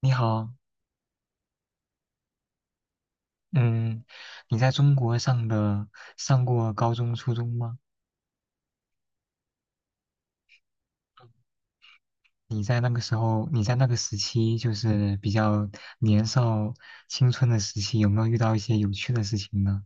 你好，嗯，你在中国上过高中、初中吗？你在那个时期，就是比较年少青春的时期，有没有遇到一些有趣的事情呢？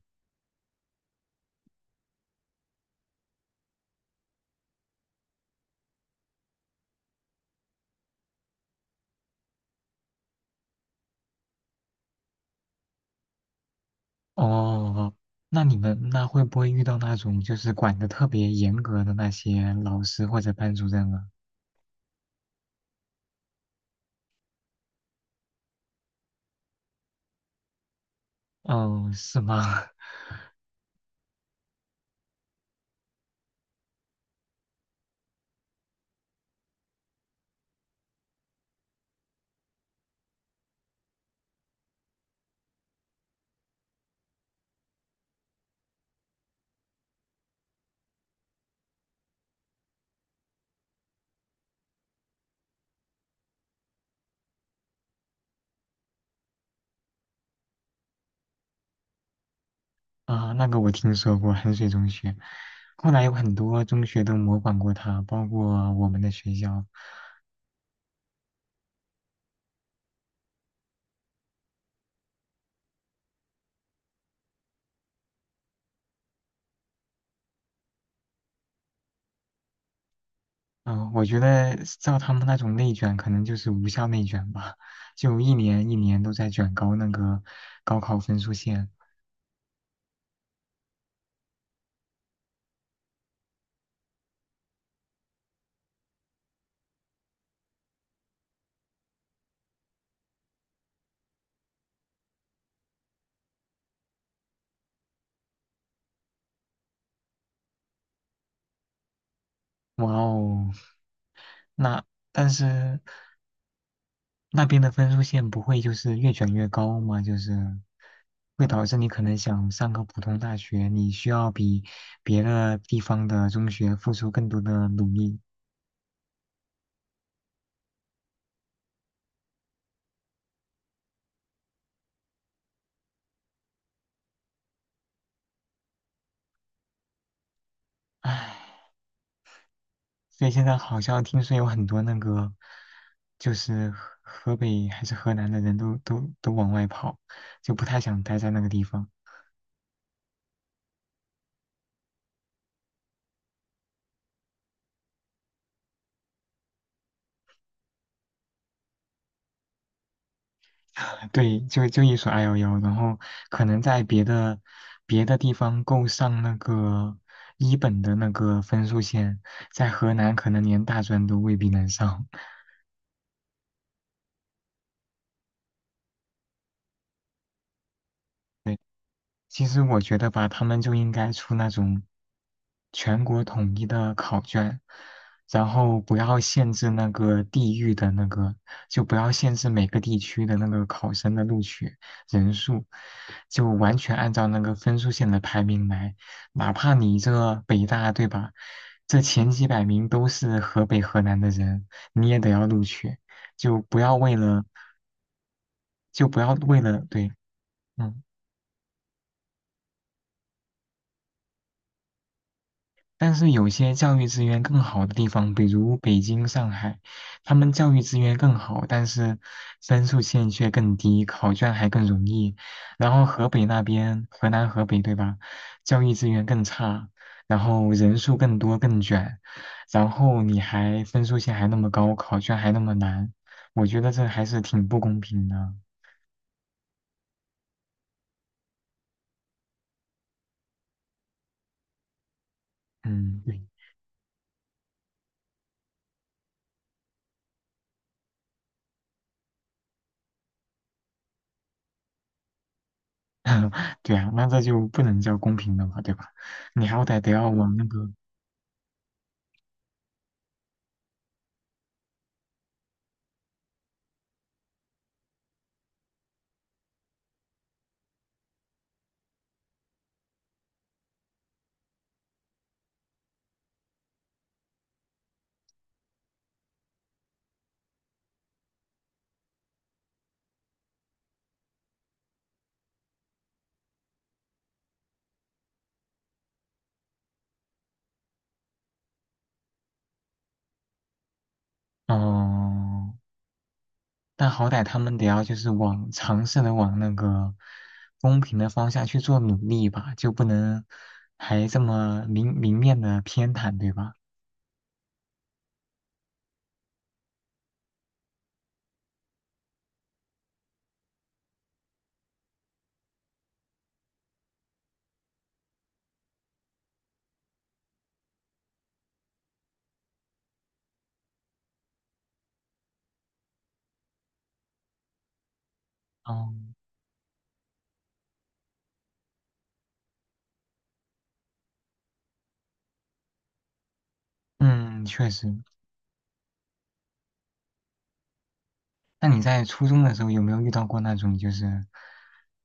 哦，那你们那会不会遇到那种就是管的特别严格的那些老师或者班主任啊？哦，是吗？啊，那个我听说过，衡水中学，后来有很多中学都模仿过他，包括我们的学校。嗯，我觉得照他们那种内卷，可能就是无效内卷吧，就一年一年都在卷高那个高考分数线。哇哦，那但是那边的分数线不会就是越卷越高吗？就是会导致你可能想上个普通大学，你需要比别的地方的中学付出更多的努力。唉。所以现在好像听说有很多那个，就是河北还是河南的人都往外跑，就不太想待在那个地方。对，就一所 211，然后可能在别的地方够上那个一本的那个分数线，在河南可能连大专都未必能上，其实我觉得吧，他们就应该出那种全国统一的考卷，然后不要限制那个地域的那个，就不要限制每个地区的那个考生的录取人数，就完全按照那个分数线的排名来，哪怕你这北大，对吧？这前几百名都是河北、河南的人，你也得要录取，就不要为了，就不要为了，对，嗯。但是有些教育资源更好的地方，比如北京、上海，他们教育资源更好，但是分数线却更低，考卷还更容易。然后河北那边，河南、河北，对吧？教育资源更差，然后人数更多、更卷，然后你还分数线还那么高，考卷还那么难，我觉得这还是挺不公平的。嗯，对，对啊，那这就不能叫公平了嘛，对吧？你好歹得要往那个。哦，但好歹他们得要就是往尝试的往那个公平的方向去做努力吧，就不能还这么明明面的偏袒，对吧？哦，嗯，确实。那你在初中的时候有没有遇到过那种就是，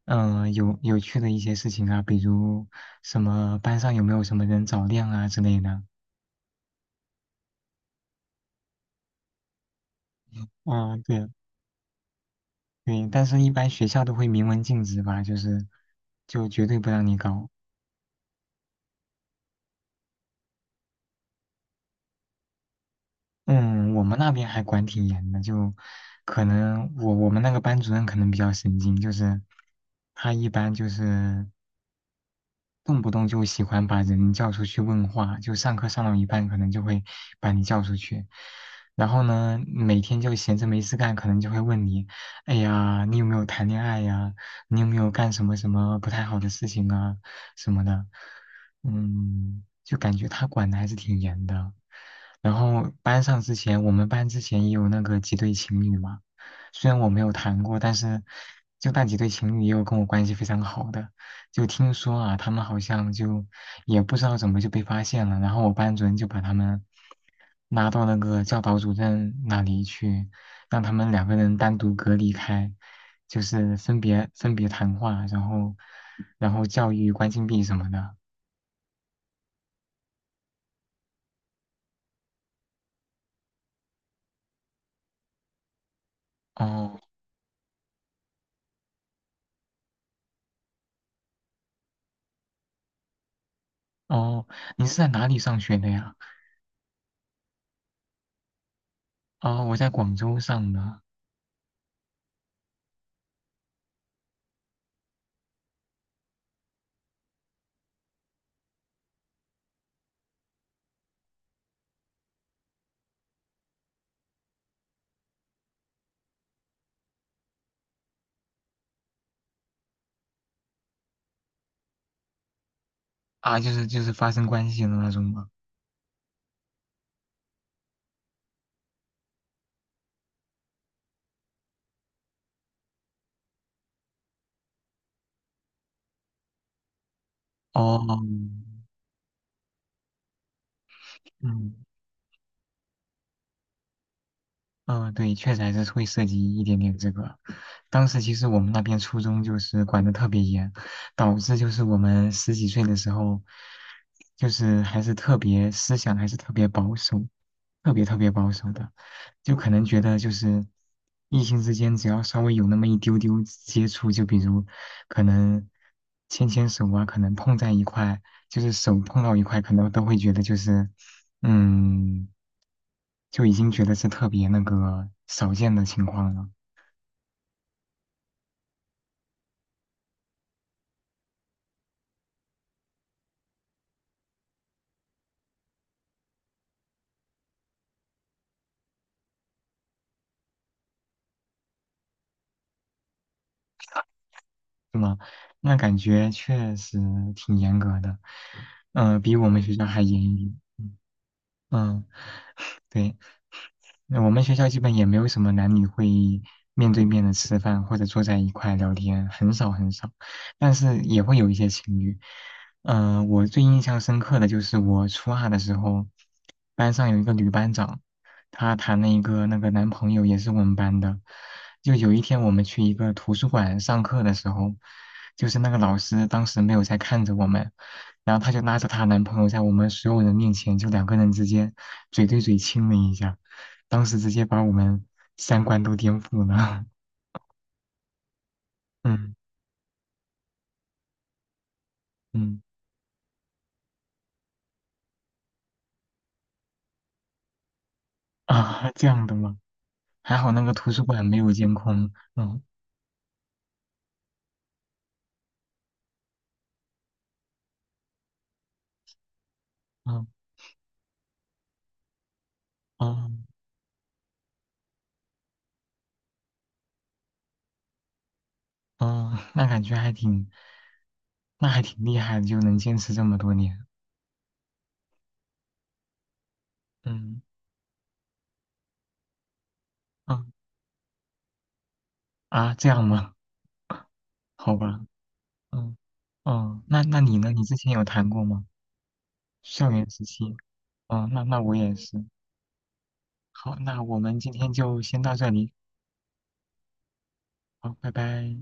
有趣的一些事情啊？比如什么班上有没有什么人早恋啊之类的？嗯，对对，但是一般学校都会明文禁止吧，就绝对不让你搞。嗯，我们那边还管挺严的，就可能我们那个班主任可能比较神经，就是他一般就是动不动就喜欢把人叫出去问话，就上课上到一半，可能就会把你叫出去。然后呢，每天就闲着没事干，可能就会问你，哎呀，你有没有谈恋爱呀？你有没有干什么什么不太好的事情啊？什么的，嗯，就感觉他管的还是挺严的。然后班上之前，我们班之前也有那个几对情侣嘛，虽然我没有谈过，但是就那几对情侣也有跟我关系非常好的。就听说啊，他们好像就也不知道怎么就被发现了，然后我班主任就把他们拉到那个教导主任那里去，让他们两个人单独隔离开，就是分别谈话，然后教育关禁闭什么的。哦哦，你是在哪里上学的呀？哦，我在广州上的啊，就是发生关系的那种吗？哦，嗯。嗯，对，确实还是会涉及一点点这个。当时其实我们那边初中就是管得特别严，导致就是我们十几岁的时候，就是还是特别思想还是特别保守，特别特别保守的，就可能觉得就是异性之间只要稍微有那么一丢丢接触，就比如可能牵牵手啊，可能碰在一块，就是手碰到一块，可能都会觉得就是嗯。就已经觉得是特别那个少见的情况了，是吗？那感觉确实挺严格的，比我们学校还严一点。嗯，对。那我们学校基本也没有什么男女会议面对面的吃饭或者坐在一块聊天，很少很少，但是也会有一些情侣。我最印象深刻的就是我初二的时候，班上有一个女班长，她谈了一个那个男朋友，也是我们班的。就有一天我们去一个图书馆上课的时候，就是那个老师当时没有在看着我们，然后她就拉着她男朋友在我们所有人面前，就两个人之间嘴对嘴亲了一下。当时直接把我们三观都颠覆了。嗯嗯啊，这样的吗？还好那个图书馆没有监控。嗯嗯嗯嗯，那还挺厉害的，就能坚持这么多年。嗯嗯啊，这样吗？好吧。嗯哦，那你呢？你之前有谈过吗？校园时期。哦，那我也是。好，那我们今天就先到这里。好，拜拜。